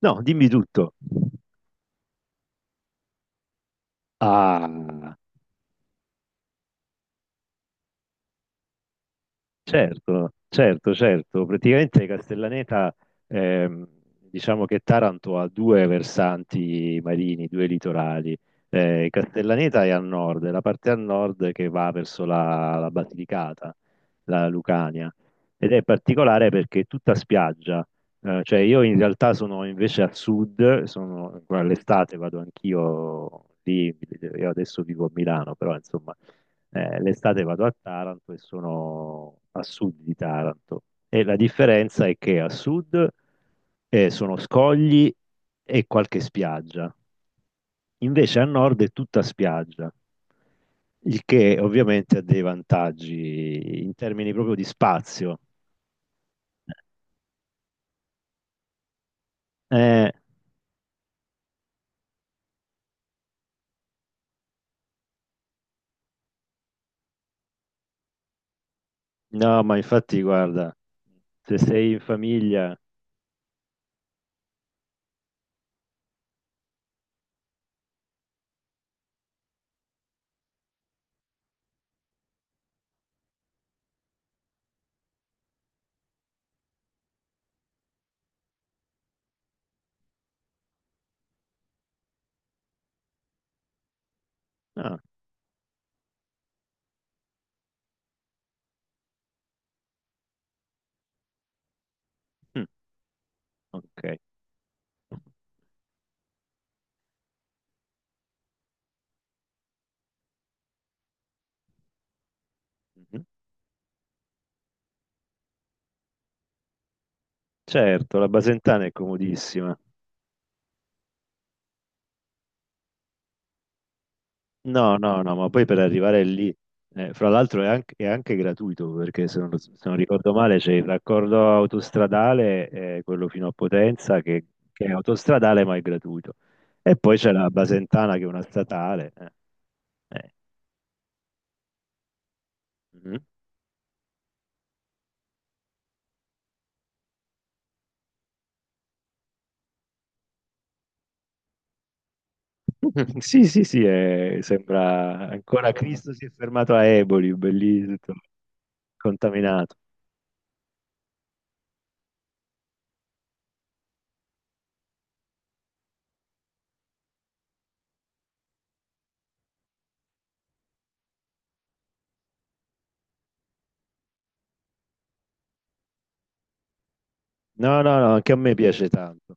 No, dimmi tutto. Ah, certo, certo, certo. Praticamente Castellaneta, ehm, diciamo che Taranto ha due versanti marini, due litorali. Castellaneta è a nord, è la parte a nord che va verso la Basilicata, la Lucania. Ed è particolare perché è tutta spiaggia. Cioè io in realtà sono invece a sud, sono, all'estate vado anch'io lì, io adesso vivo a Milano, però insomma eh, l'estate vado a Taranto e sono a sud di Taranto. E la differenza è che a sud sono scogli e qualche spiaggia, invece a nord è tutta spiaggia, il che ovviamente ha dei vantaggi in termini proprio di spazio. Eh, no, ma infatti, guarda, se sei in famiglia... Ah, mm, ok. Mhm. Certo, la Basentana è comodissima. No, no, no, ma poi per arrivare lì, fra l'altro è anche gratuito perché se non ricordo male c'è il raccordo autostradale, quello fino a Potenza, che è autostradale ma è gratuito. E poi c'è la Basentana che è una statale. Eh, eh. Mhm. Sì, sì, sì, sembra ancora Cristo si è fermato a Eboli, bellissimo, contaminato. No, no, no, anche a me piace tanto.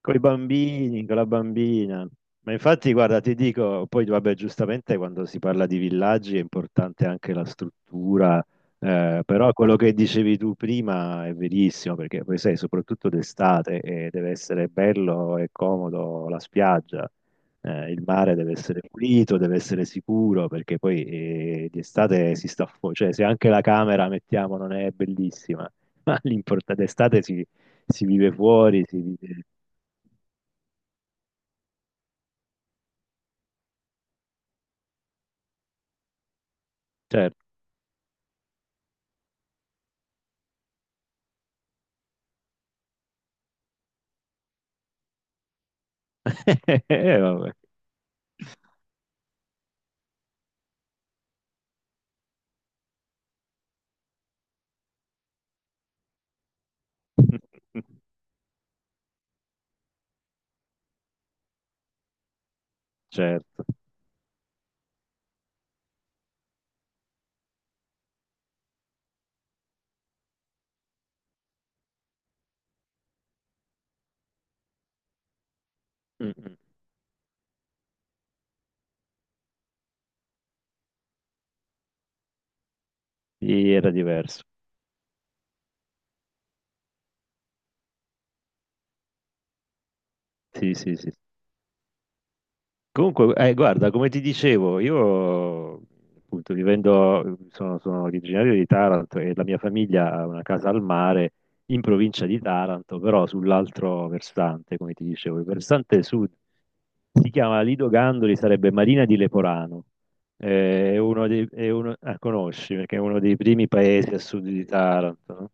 Con i bambini, con la bambina. Ma infatti, guarda, ti dico, poi vabbè, giustamente quando si parla di villaggi è importante anche la struttura, però quello che dicevi tu prima è verissimo, perché poi sai, soprattutto d'estate, deve essere bello e comodo la spiaggia, il mare deve essere pulito, deve essere sicuro, perché poi di estate si sta fuori, cioè se anche la camera, mettiamo, non è bellissima, ma l'importante d'estate si si vive fuori, si vive... Certo. Vabbè. Certo. Mm-mm. Sì, era diverso. Sì, sì, sì. Comunque, guarda, come ti dicevo, io appunto vivendo, sono, sono originario di Taranto e la mia famiglia ha una casa al mare in provincia di Taranto, però sull'altro versante, come ti dicevo, il versante sud si chiama Lido Gandoli, sarebbe Marina di Leporano. È uno dei, è uno- ah, conosci perché è uno dei primi paesi a sud di Taranto, no?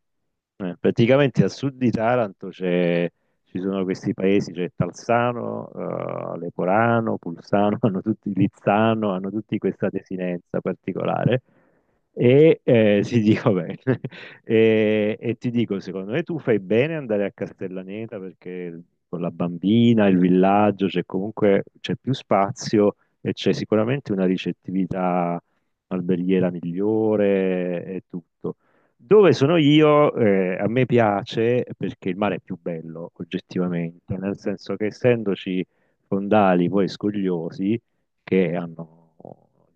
Praticamente a sud di Taranto c'è- ci sono questi paesi, c'è Talsano, Leporano, Pulsano, hanno tutti Lizzano, hanno tutti questa desinenza particolare. E ti dico bene, e ti dico, secondo me tu fai bene ad andare a Castellaneta perché con la bambina, il villaggio, c'è comunque c'è più spazio e c'è sicuramente una ricettività alberghiera migliore e tutto. Dove sono io, a me piace perché il mare è più bello oggettivamente, nel senso che essendoci fondali poi scogliosi che hanno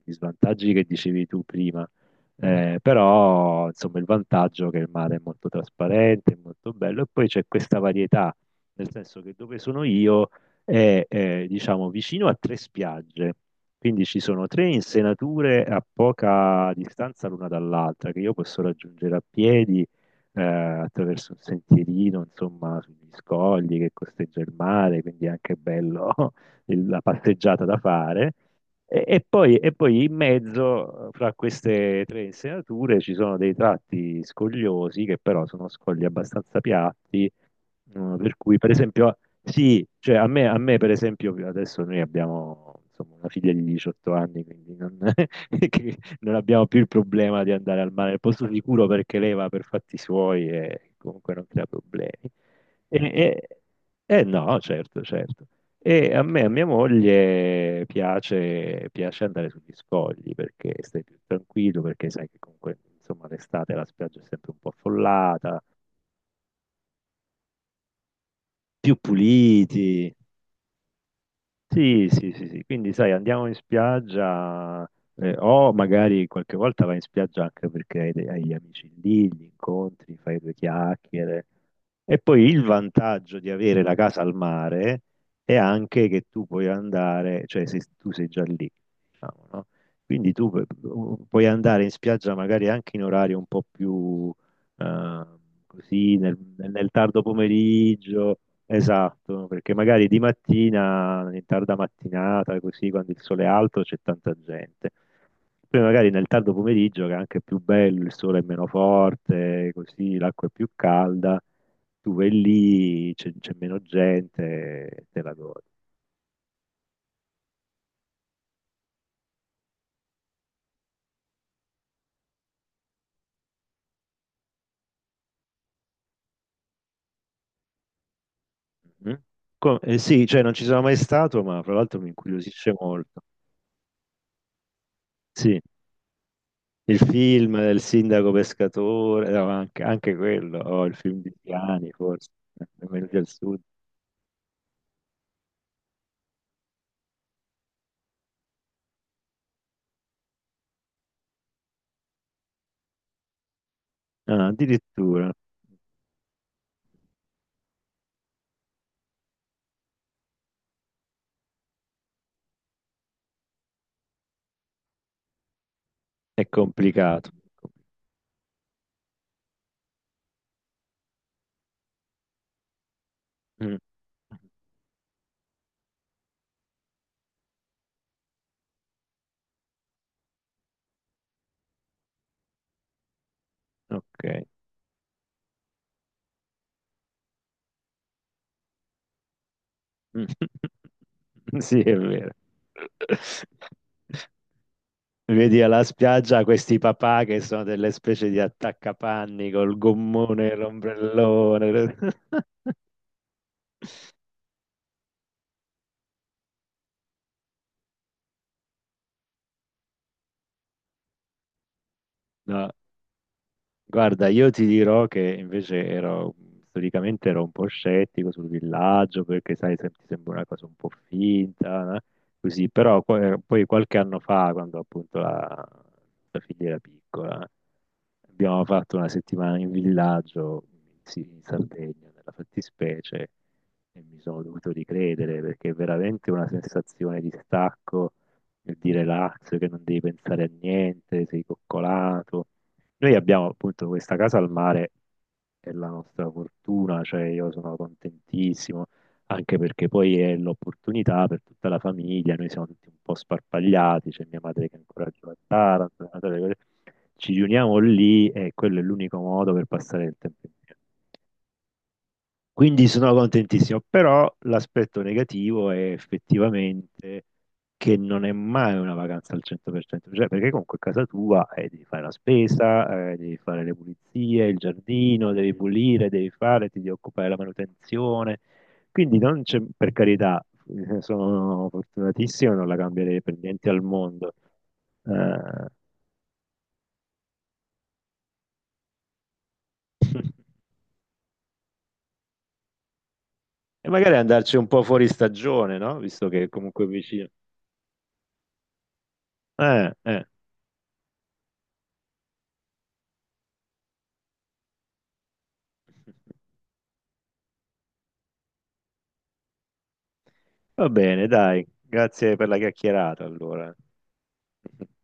gli svantaggi che dicevi tu prima, però insomma il vantaggio è che il mare è molto trasparente, è molto bello e poi c'è questa varietà, nel senso che dove sono io è diciamo vicino a tre spiagge. Quindi ci sono tre insenature a poca distanza l'una dall'altra che io posso raggiungere a piedi attraverso un sentierino, insomma, sugli scogli che costeggia il mare, quindi è anche bello il- la passeggiata da fare. E, e poi in mezzo, fra queste tre insenature, ci sono dei tratti scogliosi che però sono scogli abbastanza piatti mm, per cui, per esempio, sì, cioè a me, per esempio, adesso noi abbiamo insomma, una figlia di 18 anni, quindi non, che non abbiamo più il problema di andare al mare, al posto sicuro perché lei va per fatti suoi e comunque non crea problemi. E- no, certo, certo. E a me, a mia moglie piace, piace andare sugli scogli perché stai più tranquillo, perché sai che comunque, insomma, l'estate la spiaggia è sempre un po' affollata, più puliti. Sì, sì, sì, sì. Quindi sai, andiamo in spiaggia o magari qualche volta vai in spiaggia anche perché hai, de- hai gli amici lì, li incontri, fai due chiacchiere. E poi il vantaggio di avere la casa al mare è anche che tu puoi andare, cioè se tu sei già lì, diciamo, no? Quindi tu pu- puoi andare in spiaggia magari anche in orari un po' più eh, così, nel nel tardo pomeriggio esatto, perché magari di mattina, in tarda mattinata, così quando il sole è alto c'è tanta gente. Poi magari nel tardo pomeriggio, che è anche più bello, il sole è meno forte, così l'acqua è più calda, tu vai lì, c'è meno gente, e te la godi. Mhm. Co- sì, cioè non ci sono mai stato, ma fra l'altro mi incuriosisce molto. Sì, il film del sindaco pescatore, no, anche, anche quello, o il film di Piani, forse, Benvenuti al Sud. Ah, addirittura è complicato. Mm, ok. Mm. Sì, è vero. Vedi alla spiaggia questi papà che sono delle specie di attaccapanni col gommone e l'ombrellone. No, guarda, io ti dirò che invece ero, storicamente ero un po' scettico sul villaggio perché, sai, se- ti sembra una cosa un po' finta, no? Così, però poi qualche anno fa, quando appunto la, la figlia era piccola, abbiamo fatto una settimana in villaggio, sì, in Sardegna, nella fattispecie, e mi sono dovuto ricredere perché è veramente una sensazione di stacco, e di relax, che non devi pensare a niente, sei coccolato. Noi abbiamo appunto questa casa al mare, è la nostra fortuna, cioè io sono contentissimo, anche perché poi è l'opportunità per tutta la famiglia, noi siamo tutti un po' sparpagliati, c'è mia madre che ancora giù a Taranto, mia madre- ci riuniamo lì e quello è l'unico modo per passare il tempo insieme. Quindi sono contentissimo, però l'aspetto negativo è effettivamente che non è mai una vacanza al 100%, cioè perché comunque a casa tua devi fare la spesa, devi fare le pulizie, il giardino, devi pulire, devi fare, ti devi occupare della manutenzione. Quindi non c'è, per carità, sono fortunatissimo, non la cambierei per niente al mondo. Eh, e magari andarci un po' fuori stagione, no? Visto che è comunque vicino. Eh. Va bene, dai, grazie per la chiacchierata allora.